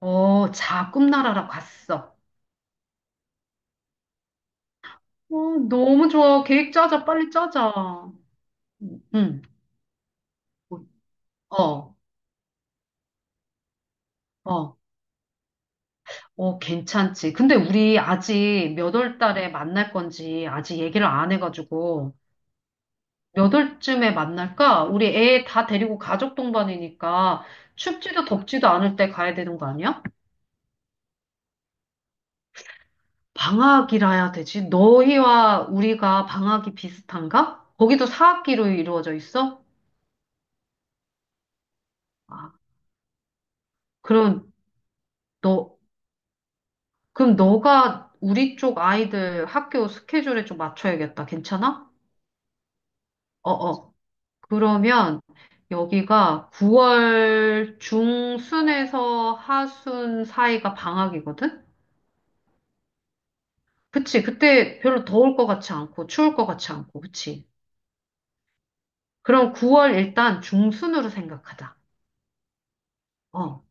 어, 자, 꿈나라라 갔어. 어, 너무 좋아. 계획 짜자, 빨리 짜자. 응, 응. 어, 어, 어, 괜찮지. 근데 우리 아직 몇 월 달에 만날 건지 아직 얘기를 안 해가지고 몇 월쯤에 만날까? 우리 애 다 데리고 가족 동반이니까 춥지도 덥지도 않을 때 가야 되는 거 아니야? 방학이라야 되지. 너희와 우리가 방학이 비슷한가? 거기도 사학기로 이루어져 있어? 아, 그럼 너, 그럼 너가 우리 쪽 아이들 학교 스케줄에 좀 맞춰야겠다. 괜찮아? 어어. 그러면 여기가 9월 중순에서 하순 사이가 방학이거든? 그치. 그때 별로 더울 것 같지 않고, 추울 것 같지 않고, 그치. 그럼 9월 일단 중순으로 생각하자. 어.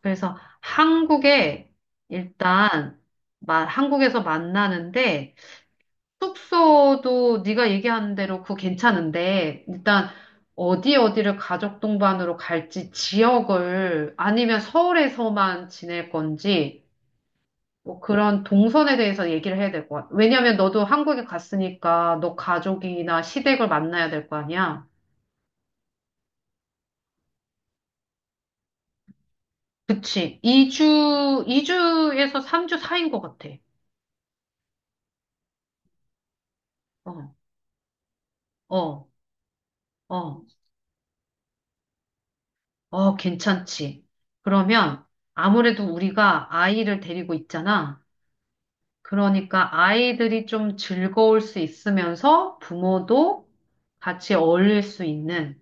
그래서 한국에 일단, 한국에서 만나는데, 숙소도 네가 얘기하는 대로 그거 괜찮은데 일단 어디 어디를 가족 동반으로 갈지 지역을 아니면 서울에서만 지낼 건지 뭐 그런 동선에 대해서 얘기를 해야 될 것 같아. 왜냐면 너도 한국에 갔으니까 너 가족이나 시댁을 만나야 될 거 아니야. 그치. 2주, 2주에서 3주 사이인 것 같아. 어, 어, 어, 어, 괜찮지. 그러면 아무래도 우리가 아이를 데리고 있잖아. 그러니까 아이들이 좀 즐거울 수 있으면서 부모도 같이 어울릴 수 있는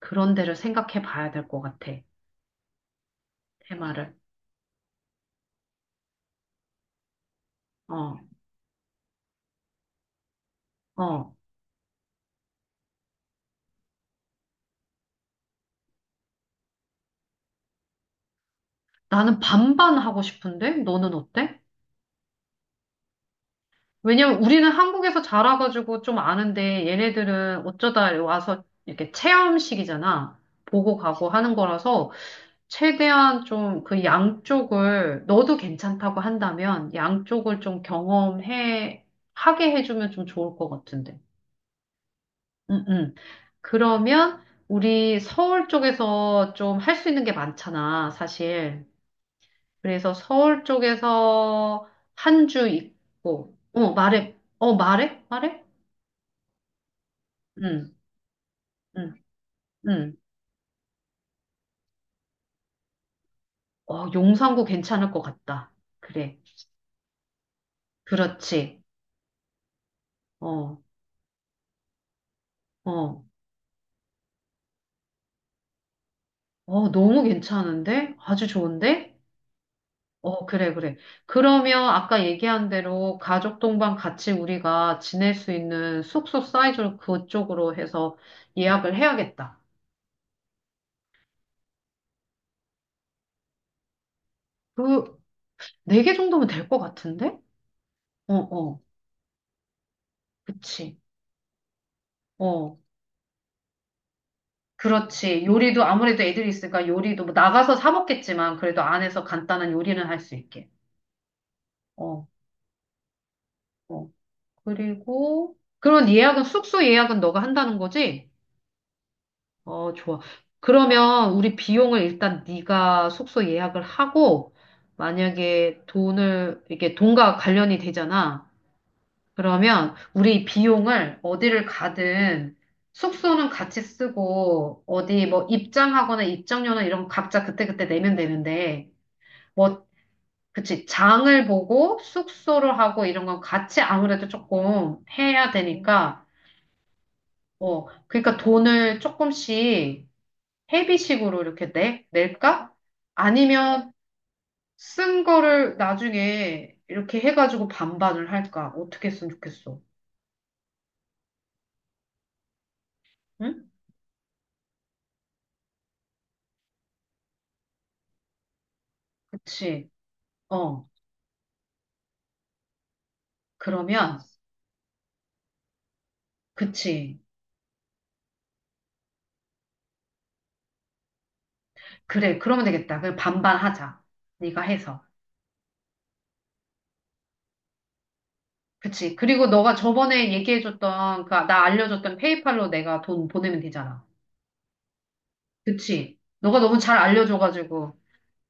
그런 데를 생각해 봐야 될 것 같아. 테마를. 어, 어. 나는 반반 하고 싶은데? 너는 어때? 왜냐면 우리는 한국에서 자라가지고 좀 아는데 얘네들은 어쩌다 와서 이렇게 체험식이잖아. 보고 가고 하는 거라서 최대한 좀 그 양쪽을 너도 괜찮다고 한다면 양쪽을 좀 경험해 하게 해주면 좀 좋을 것 같은데. 음, 음. 그러면 우리 서울 쪽에서 좀 할 수 있는 게 많잖아, 사실. 그래서 서울 쪽에서 한 주 있고, 어, 말해, 어, 말해, 말해. 응. 응, 응. 어, 용산구 괜찮을 것 같다. 그래. 그렇지. 어, 어, 어, 너무 괜찮은데? 아주 좋은데? 어, 그래, 그래. 그러면 아까 얘기한 대로 가족 동반 같이 우리가 지낼 수 있는 숙소 사이즈로 그쪽으로 해서 예약을 해야겠다. 그, 네 개 정도면 될 것 같은데? 어, 어, 그치. 어, 그렇지. 요리도 아무래도 애들이 있으니까 요리도 뭐 나가서 사 먹겠지만 그래도 안에서 간단한 요리는 할 수 있게. 어. 어. 그리고 그런 예약은 숙소 예약은 너가 한다는 거지? 어, 좋아. 그러면 우리 비용을 일단 네가 숙소 예약을 하고 만약에 돈을 이게 돈과 관련이 되잖아. 그러면 우리 비용을 어디를 가든 숙소는 같이 쓰고 어디 뭐 입장하거나 입장료나 이런 거 각자 그때그때 내면 되는데 뭐 그치 장을 보고 숙소를 하고 이런 건 같이 아무래도 조금 해야 되니까 어, 그러니까 돈을 조금씩 회비식으로 이렇게 낼까? 아니면 쓴 거를 나중에 이렇게 해가지고 반반을 할까? 어떻게 했으면 좋겠어. 응? 그치. 어, 그러면, 그치. 그래, 그러면 되겠다. 그냥 반반 하자. 네가 해서. 그치. 그리고 너가 저번에 얘기해줬던, 그, 나 알려줬던 페이팔로 내가 돈 보내면 되잖아. 그치. 너가 너무 잘 알려줘가지고.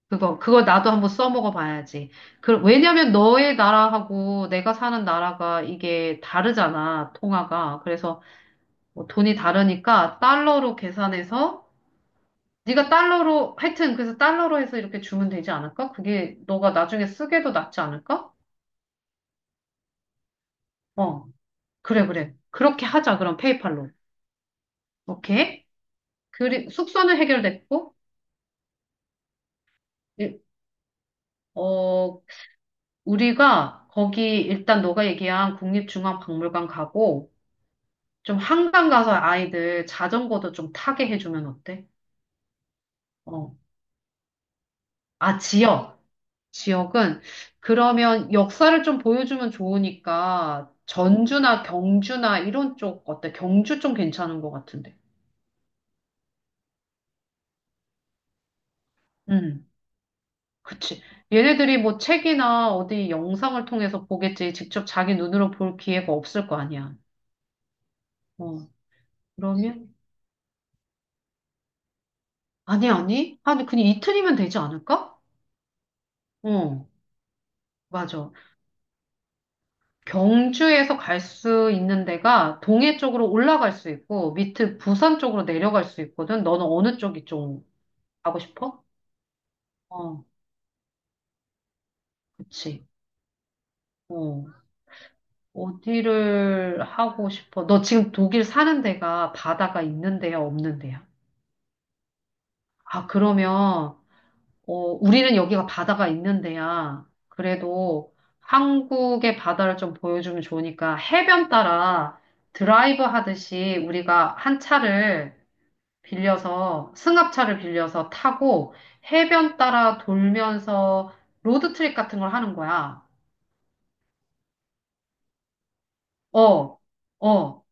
그거 나도 한번 써먹어 봐야지. 그, 왜냐면 너의 나라하고 내가 사는 나라가 이게 다르잖아, 통화가. 그래서 뭐 돈이 다르니까 달러로 계산해서, 네가 달러로, 하여튼 그래서 달러로 해서 이렇게 주면 되지 않을까? 그게 너가 나중에 쓰게도 낫지 않을까? 어, 그래, 그래. 그렇게 하자, 그럼 페이팔로. 오케이? 숙소는 해결됐고, 일- 어, 우리가 거기 일단 너가 얘기한 국립중앙박물관 가고, 좀 한강 가서 아이들 자전거도 좀 타게 해주면 어때? 어. 아, 지역. 지역은 그러면 역사를 좀 보여주면 좋으니까 전주나 경주나 이런 쪽 어때? 경주 좀 괜찮은 것 같은데. 음, 그치. 얘네들이 뭐 책이나 어디 영상을 통해서 보겠지. 직접 자기 눈으로 볼 기회가 없을 거 아니야. 어, 그러면? 아니, 아니. 아니, 그냥 이틀이면 되지 않을까? 어, 맞아. 경주에서 갈 수 있는 데가 동해 쪽으로 올라갈 수 있고 밑에 부산 쪽으로 내려갈 수 있거든. 너는 어느 쪽이 좀 가고 싶어? 어, 그치. 어, 어디를 하고 싶어? 너 지금 독일 사는 데가 바다가 있는 데야, 없는 데야? 아, 그러면 어, 우리는 여기가 바다가 있는 데야. 그래도 한국의 바다를 좀 보여주면 좋으니까 해변 따라 드라이브 하듯이 우리가 한 차를 빌려서 승합차를 빌려서 타고 해변 따라 돌면서 로드트립 같은 걸 하는 거야. 어, 어,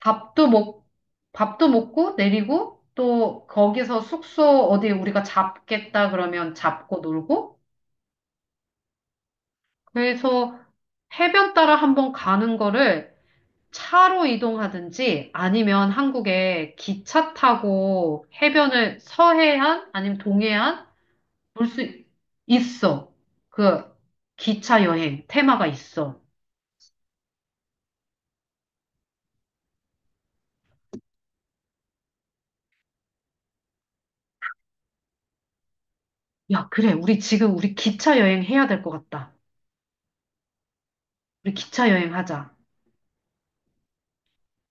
밥도 먹, 밥도 먹고 내리고 또 거기서 숙소 어디 우리가 잡겠다 그러면 잡고 놀고 그래서 해변 따라 한번 가는 거를 차로 이동하든지 아니면 한국에 기차 타고 해변을 서해안 아니면 동해안 볼 수 있어. 그 기차 여행 테마가 있어. 야, 그래. 우리 지금 우리 기차 여행 해야 될 것 같다. 우리 기차 여행 하자.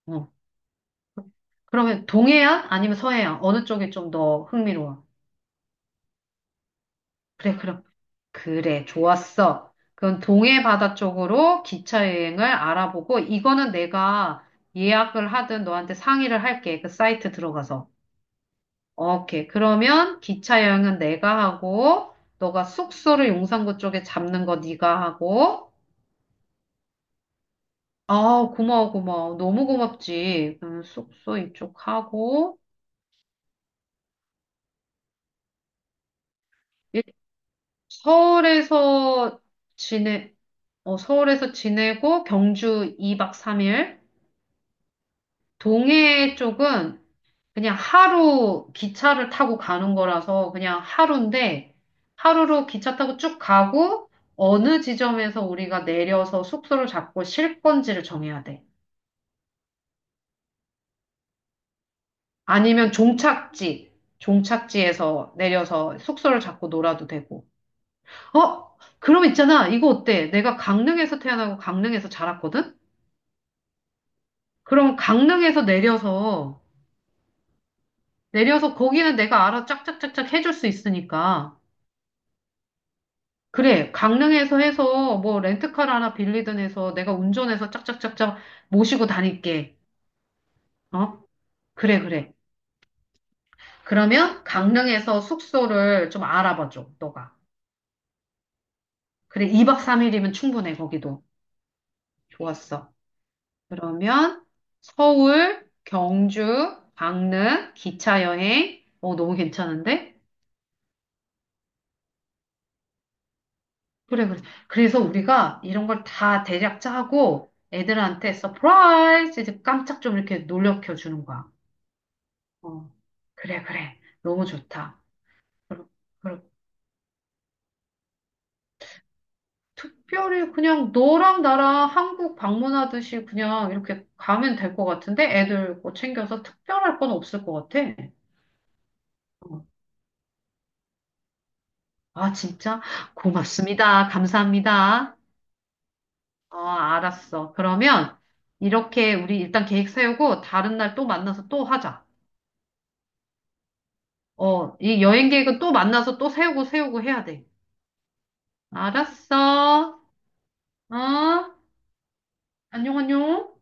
어. 그러면 동해안 아니면 서해안 어느 쪽이 좀 더 흥미로워? 그래, 그럼 그래. 좋았어. 그럼 동해 바다 쪽으로 기차 여행을 알아보고 이거는 내가 예약을 하든 너한테 상의를 할게. 그 사이트 들어가서. 오케이. 그러면 기차 여행은 내가 하고, 너가 숙소를 용산구 쪽에 잡는 거 네가 하고, 아, 고마워, 고마워. 너무 고맙지. 숙소 이쪽 하고, 일- 서울에서 지내, 서울에서 지내고, 경주 2박 3일. 동해 쪽은 그냥 하루 기차를 타고 가는 거라서 그냥 하루인데 하루로 기차 타고 쭉 가고 어느 지점에서 우리가 내려서 숙소를 잡고 쉴 건지를 정해야 돼. 아니면 종착지, 종착지에서 내려서 숙소를 잡고 놀아도 되고. 어? 그럼 있잖아. 이거 어때? 내가 강릉에서 태어나고 강릉에서 자랐거든? 그럼 강릉에서 내려서 거기는 내가 알아 짝짝짝짝 해줄 수 있으니까. 그래, 강릉에서 해서 뭐 렌트카를 하나 빌리든 해서 내가 운전해서 짝짝짝짝 모시고 다닐게. 어? 그래, 그래. 그러면 강릉에서 숙소를 좀 알아봐 줘, 너가. 그래, 2박 3일이면 충분해, 거기도. 좋았어. 그러면 서울, 경주, 강릉, 기차 여행. 어, 너무 괜찮은데? 그래, 그래. 그래서 우리가 이런 걸 다 대략 짜고 애들한테 서프라이즈 깜짝 좀 이렇게 놀래켜 주는 거야. 어, 그래, 그래. 너무 좋다. 그럼, 그럼 특별히 그냥 너랑 나랑 한국 방문하듯이 그냥 이렇게 가면 될 것 같은데? 애들 뭐 챙겨서 특별할 건 없을 것 같아. 어, 아, 진짜? 고맙습니다. 감사합니다. 어, 알았어. 그러면 이렇게 우리 일단 계획 세우고 다른 날 또 만나서 또 하자. 어, 이 여행 계획은 또 만나서 또 세우고 세우고 해야 돼. 알았어. 어? 안녕, 안녕.